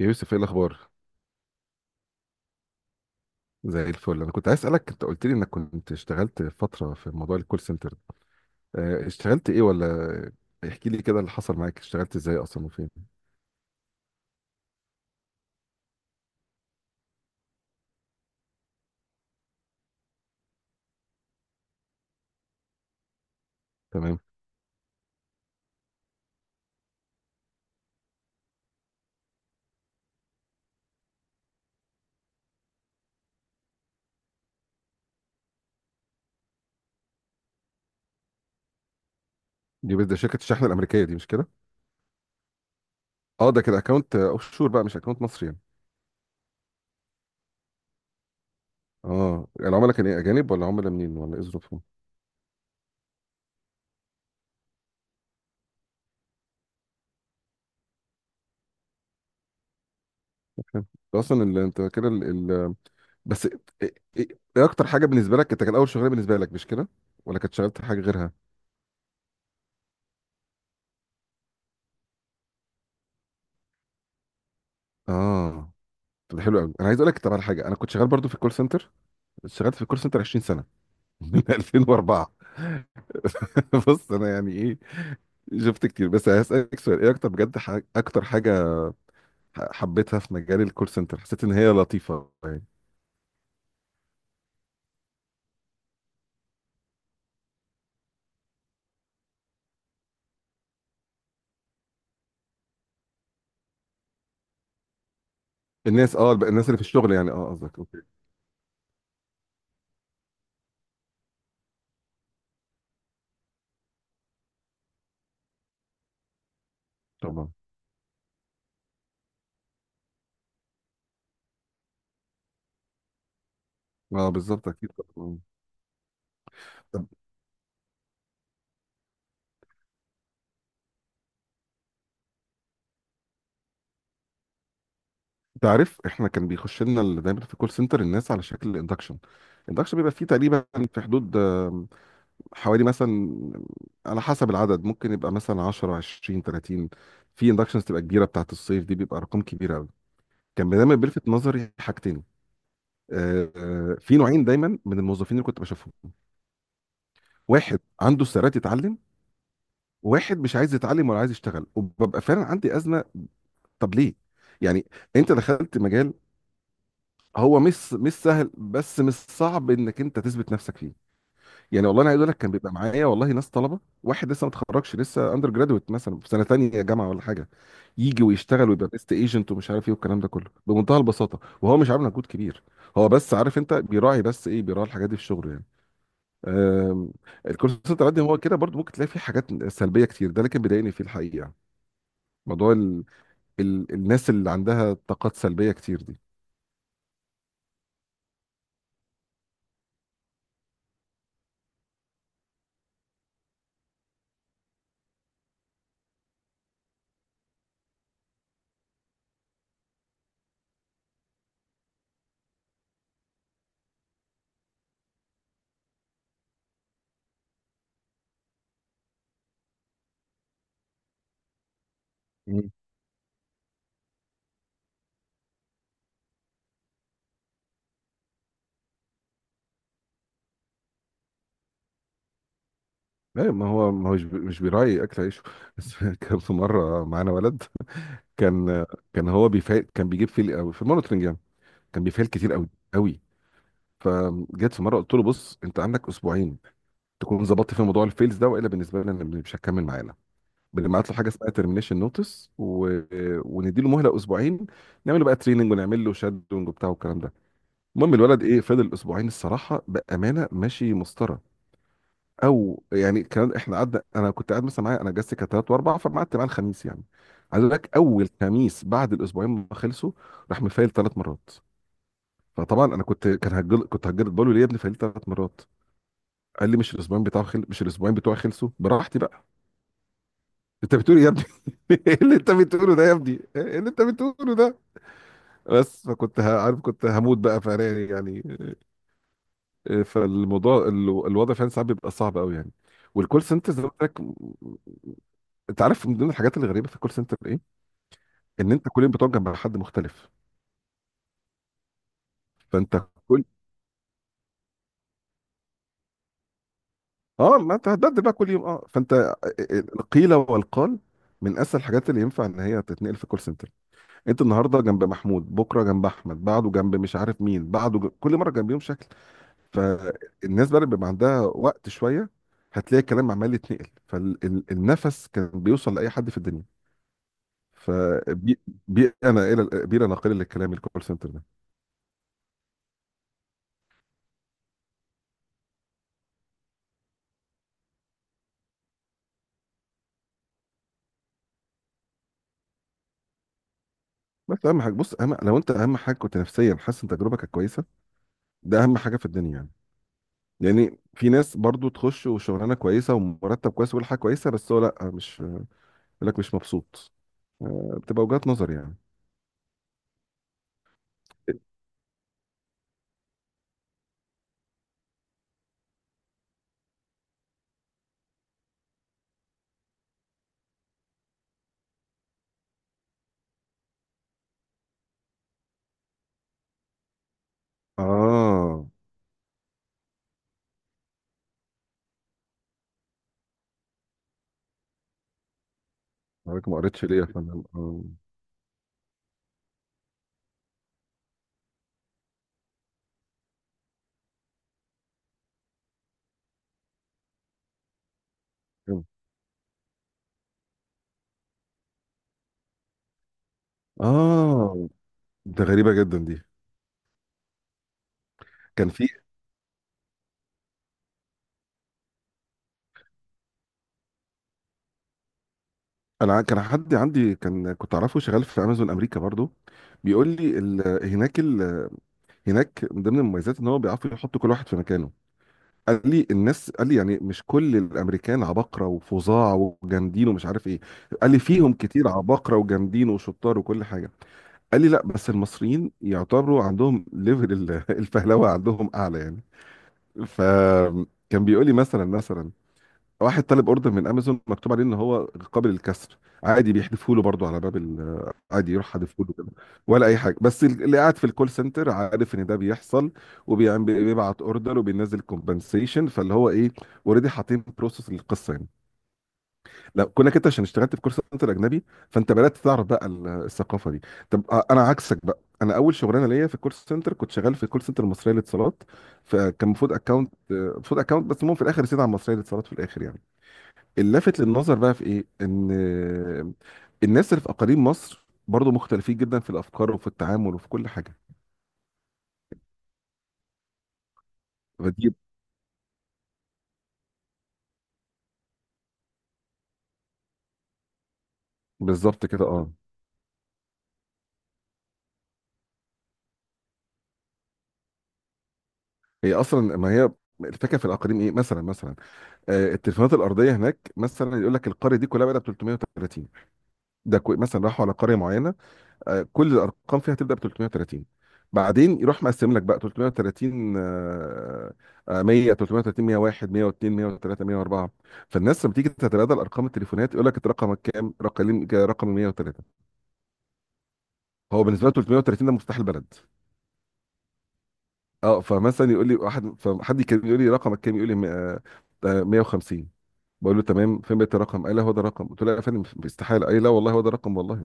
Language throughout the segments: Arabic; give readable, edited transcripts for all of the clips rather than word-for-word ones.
يا يوسف، ايه الاخبار؟ زي الفل، انا كنت عايز اسالك. انت قلت لي انك كنت اشتغلت فتره في موضوع الكول سنتر. اه، اشتغلت ايه ولا احكي لي كده اللي حصل معاك. اشتغلت ازاي اصلا وفين؟ تمام. دي بس ده شركه الشحن الامريكيه دي، مش كده؟ اه، ده كده اكونت اوف شور بقى، مش اكونت مصري يعني. اه، العملاء كان ايه، اجانب ولا عملاء منين ولا ايه ظروفهم؟ فاهم. ده اصلا انت كده ال- بس ايه، ايه- ايه اكتر حاجه بالنسبه لك؟ انت كان اول شغلانه بالنسبه لك، مش كده؟ ولا كنت شغلت حاجه غيرها؟ اه، طب ده حلو قوي، انا عايز اقول لك طب على حاجه. انا كنت شغال برضو في الكول سنتر، اشتغلت في الكول سنتر 20 سنه من 2004 بص، انا يعني ايه، شفت كتير، بس هسألك سؤال: ايه اكتر بجد، اكتر حاجه حبيتها في مجال الكول سنتر، حسيت ان هي لطيفه يعني؟ الناس، اه الناس اللي في الشغل يعني، اه قصدك؟ اوكي. طبعا. اه بالظبط، اكيد طبعا. طب، تعرف احنا كان بيخش لنا دايما في الكول سنتر الناس على شكل الاندكشن. الاندكشن بيبقى فيه تقريبا في حدود، حوالي مثلا، على حسب العدد، ممكن يبقى مثلا 10 20 30. في اندكشنز تبقى كبيره بتاعت الصيف دي بيبقى ارقام كبيره. كان دايما بيلفت نظري حاجتين. في نوعين دايما من الموظفين اللي كنت بشوفهم. واحد عنده استعداد يتعلم، وواحد مش عايز يتعلم ولا عايز يشتغل، وببقى فعلا عندي أزمة. طب ليه؟ يعني انت دخلت مجال هو مش سهل، بس مش صعب انك انت تثبت نفسك فيه يعني. والله انا عايز اقول لك، كان بيبقى معايا والله ناس طلبه، واحد لسه ما اتخرجش لسه اندر جرادويت، مثلا في سنه تانية جامعه ولا حاجه، يجي ويشتغل ويبقى بيست ايجنت ومش عارف ايه والكلام ده كله بمنتهى البساطه، وهو مش عامل مجهود كبير. هو بس عارف انت بيراعي، بس ايه بيراعي الحاجات دي في شغله يعني. آم، الكورس سنتر عندي هو كده برضو، ممكن تلاقي فيه حاجات سلبيه كتير ده، لكن بيضايقني فيه الحقيقه يعني موضوع الناس اللي عندها طاقات سلبيه كتير دي. مم. لا، ما هو مش بيراعي اكل عيشه. بس كان في مره معانا ولد، كان كان هو بيفعل، كان بيجيب فيل قوي في المونترنج يعني. كان بيفعل كتير قوي قوي. فجيت في مره، قلت له: بص انت عندك اسبوعين تكون ظبطت في موضوع الفيلز ده، والا بالنسبه لنا مش هتكمل معانا. بنبعت له حاجه اسمها ترمينيشن نوتس، وندي له مهله اسبوعين، نعمل له بقى تريننج ونعمل له شادونج وبتاع والكلام ده. المهم الولد ايه، فضل اسبوعين الصراحه بامانه ماشي مسطره. او يعني كان احنا قعدنا، انا كنت قاعد مثلا معايا، انا اجازتي كانت ثلاث واربع، فما قعدت معاه الخميس يعني. عايز اقول لك، اول خميس بعد الاسبوعين ما خلصوا، راح مفايل ثلاث مرات. فطبعا انا كنت هجل بقول له: ليه يا ابني فايل ثلاث مرات؟ قال لي: مش الاسبوعين بتوعي خلصوا براحتي بقى؟ انت بتقول إيه يا ابني؟ ايه اللي انت بتقوله ده يا ابني؟ ايه اللي انت بتقوله ده؟ بس فكنت عارف كنت هموت بقى فراري يعني. فالموضوع الوضع فعلا ساعات بيبقى صعب قوي يعني. والكول سنتر زي ما قلت لك، انت عارف من ضمن الحاجات الغريبه في الكول سنتر ايه؟ ان انت كل يوم بتقعد جنب حد مختلف. فانت كل اه، ما انت هتبدل بقى كل يوم. اه، فانت القيل والقال من اسهل الحاجات اللي ينفع ان هي تتنقل في كول سنتر. انت النهارده جنب محمود، بكره جنب احمد، بعده جنب مش عارف مين، كل مره جنبيهم شكل. فالناس بقى اللي بيبقى عندها وقت شويه، هتلاقي الكلام عمال يتنقل، فالنفس كان بيوصل لاي حد في الدنيا. فبيئنا الى بيئه ناقله للكلام الكول سنتر ده. بس اهم حاجه، بص، أهم لو انت اهم حاجه كنت نفسيا حاسس ان تجربتك كويسه، ده اهم حاجه في الدنيا يعني. يعني في ناس برضو تخش وشغلانه كويسه ومرتب كويس وكل حاجه كويسه، بس هو لا، مش يقول لك مش مبسوط. بتبقى وجهات نظر يعني. اه، حضرتك ما قريتش ليه يا فندم؟ اه كده. آه، ده غريبه جدا دي. كان في انا كان حد عندي كان كنت اعرفه شغال في امازون امريكا برضو، بيقول لي هناك من ضمن المميزات ان هو بيعرفوا يحطوا كل واحد في مكانه. قال لي الناس، قال لي يعني مش كل الامريكان عباقره وفظاع وجامدين ومش عارف ايه. قال لي فيهم كتير عباقره وجامدين وشطار وكل حاجه. قال لي: لا، بس المصريين يعتبروا عندهم ليفل الفهلوه عندهم اعلى يعني. فكان بيقول لي مثلا واحد طالب اوردر من امازون مكتوب عليه ان هو قابل للكسر، عادي بيحذفوا له برضه على باب عادي يروح حادفه له كده، ولا اي حاجه، بس اللي قاعد في الكول سنتر عارف ان ده بيحصل وبيبعت اوردر وبينزل كومبنسيشن. فاللي هو ايه، اوريدي حاطين بروسس للقصه يعني. لا كونك انت عشان اشتغلت في كول سنتر اجنبي، فانت بدات تعرف بقى الثقافه دي. طب انا عكسك بقى. انا اول شغلانه ليا في الكول سنتر كنت شغال في الكول سنتر المصريه للاتصالات، فكان المفروض اكونت، المفروض اكونت، بس المهم في الاخر رسيت على المصريه للاتصالات في الاخر يعني. اللافت للنظر بقى في ايه، ان الناس اللي في اقاليم مصر برضو مختلفين جدا في الافكار وفي التعامل وفي كل حاجه. فدي بالظبط كده اه. هي اصلا ما هي الفكره في الاقاليم ايه؟ مثلا آه، التليفونات الارضيه هناك مثلا، يقول لك القريه دي كلها بقى 330. مثلا راحوا على قريه معينه، كل الارقام فيها تبدا ب 330، بعدين يروح مقسم لك بقى 330، 100، 330، 101، 102، 103، 104. فالناس لما تيجي تتبادل ارقام التليفونات، يقول لك: انت رقمك كام؟ رقم 103. هو بالنسبه له 330 ده مفتاح البلد. اه، فمثلا يقول لي واحد، فحد كان يقول لي رقمك كام؟ يقول لي 150. بقول له تمام، فين بقيت الرقم؟ قال: لا هو ده الرقم. قلت له: لا يا فندم، استحاله. قال لي: لا والله هو ده الرقم، والله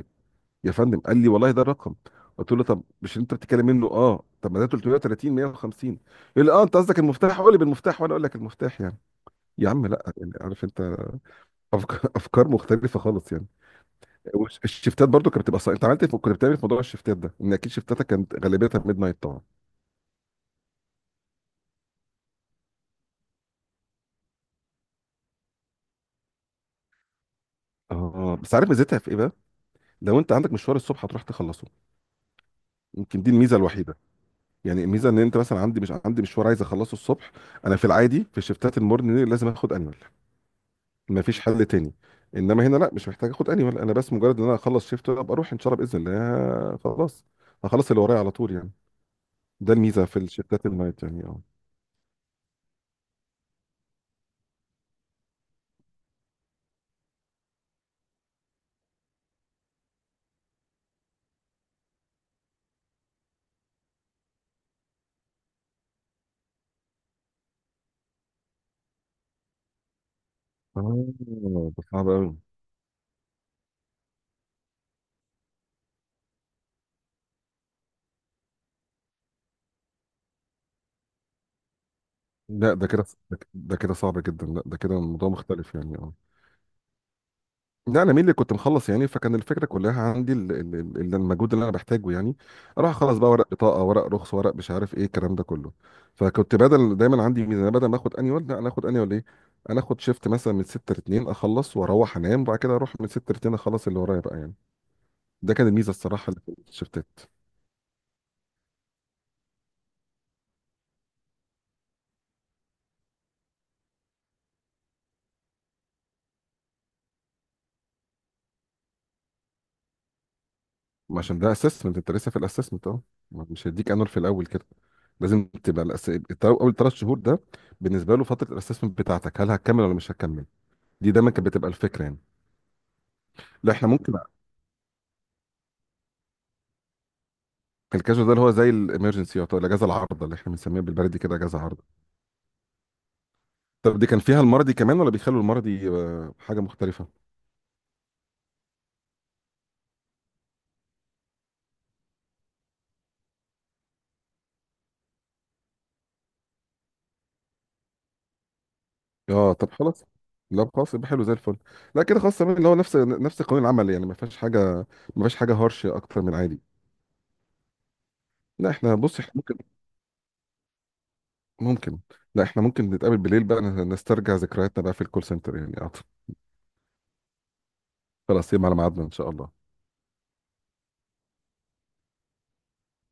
يا فندم. قال لي: والله ده الرقم. قلت له: طب مش انت بتتكلم منه؟ اه طب ما ده 330 150. يقول لي: اه انت قصدك المفتاح، قول لي بالمفتاح وانا اقول لك المفتاح يعني. يا عم لا، يعني عارف انت، افكار افكار مختلفه خالص يعني. الشفتات برضو كانت بتبقى صعبة. انت عملت إيه كنت بتعمل إيه في موضوع الشفتات ده؟ ان اكيد شفتاتك كانت غالبيتها ميد نايت طبعا. اه، بس عارف ميزتها في ايه بقى؟ لو انت عندك مشوار الصبح هتروح تخلصه، يمكن دي الميزه الوحيده. يعني الميزه ان انت مثلا، عندي، مش عندي مشوار عايز اخلصه الصبح، انا في العادي في شفتات المورنينج لازم اخد انيول، مفيش حل تاني. انما هنا لا، مش محتاج اخد انيمال، انا بس مجرد ان انا اخلص شيفت وابقى اروح ان شاء الله باذن الله، خلاص هخلص اللي ورايا على طول يعني. ده الميزه في الشيفتات النايت يعني اه. اه، ده صعب قوي. لا ده كده صعب جدا. لا ده كده الموضوع مختلف يعني اه. لا انا مين اللي كنت مخلص يعني، فكان الفكره كلها عندي المجهود اللي انا بحتاجه يعني، اروح اخلص بقى ورق بطاقه، ورق رخص، ورق مش عارف ايه، الكلام ده كله. فكنت بدل، دايما عندي ميزانيه، بدل ما اخد انيول، لا انا اخد انيول ايه، انا اخد شيفت مثلا من 6 ل 2، اخلص واروح انام، وبعد كده اروح من 6 ل 2 اخلص اللي ورايا بقى يعني. ده كان الميزه الصراحه اللي في الشيفتات. ما عشان ده اسسمنت، انت لسه في الاسسمنت اهو، مش هيديك انيول في الاول كده. لازم تبقى اول ثلاث شهور ده بالنسبه له فتره الاسسمنت بتاعتك، هل هتكمل ولا مش هتكمل. دي دايما كانت بتبقى الفكره يعني. لا احنا ممكن، الكاجوال ده اللي هو زي الامرجنسي او الاجازه العارضه اللي احنا بنسميها بالبلدي كده اجازه عارضه. طب دي كان فيها المرضي كمان ولا بيخلوا المرضي حاجه مختلفه؟ اه طب خلاص. لا خلاص، يبقى حلو زي الفل. لا كده خلاص تمام، اللي هو نفس قانون العمل يعني، ما فيهاش حاجه، ما فيهاش حاجه هارش اكتر من عادي. لا احنا بص، احنا ممكن ممكن لا احنا ممكن نتقابل بالليل بقى نسترجع ذكرياتنا بقى في الكول سنتر يعني أعتقد. خلاص يبقى على ميعادنا ان شاء الله.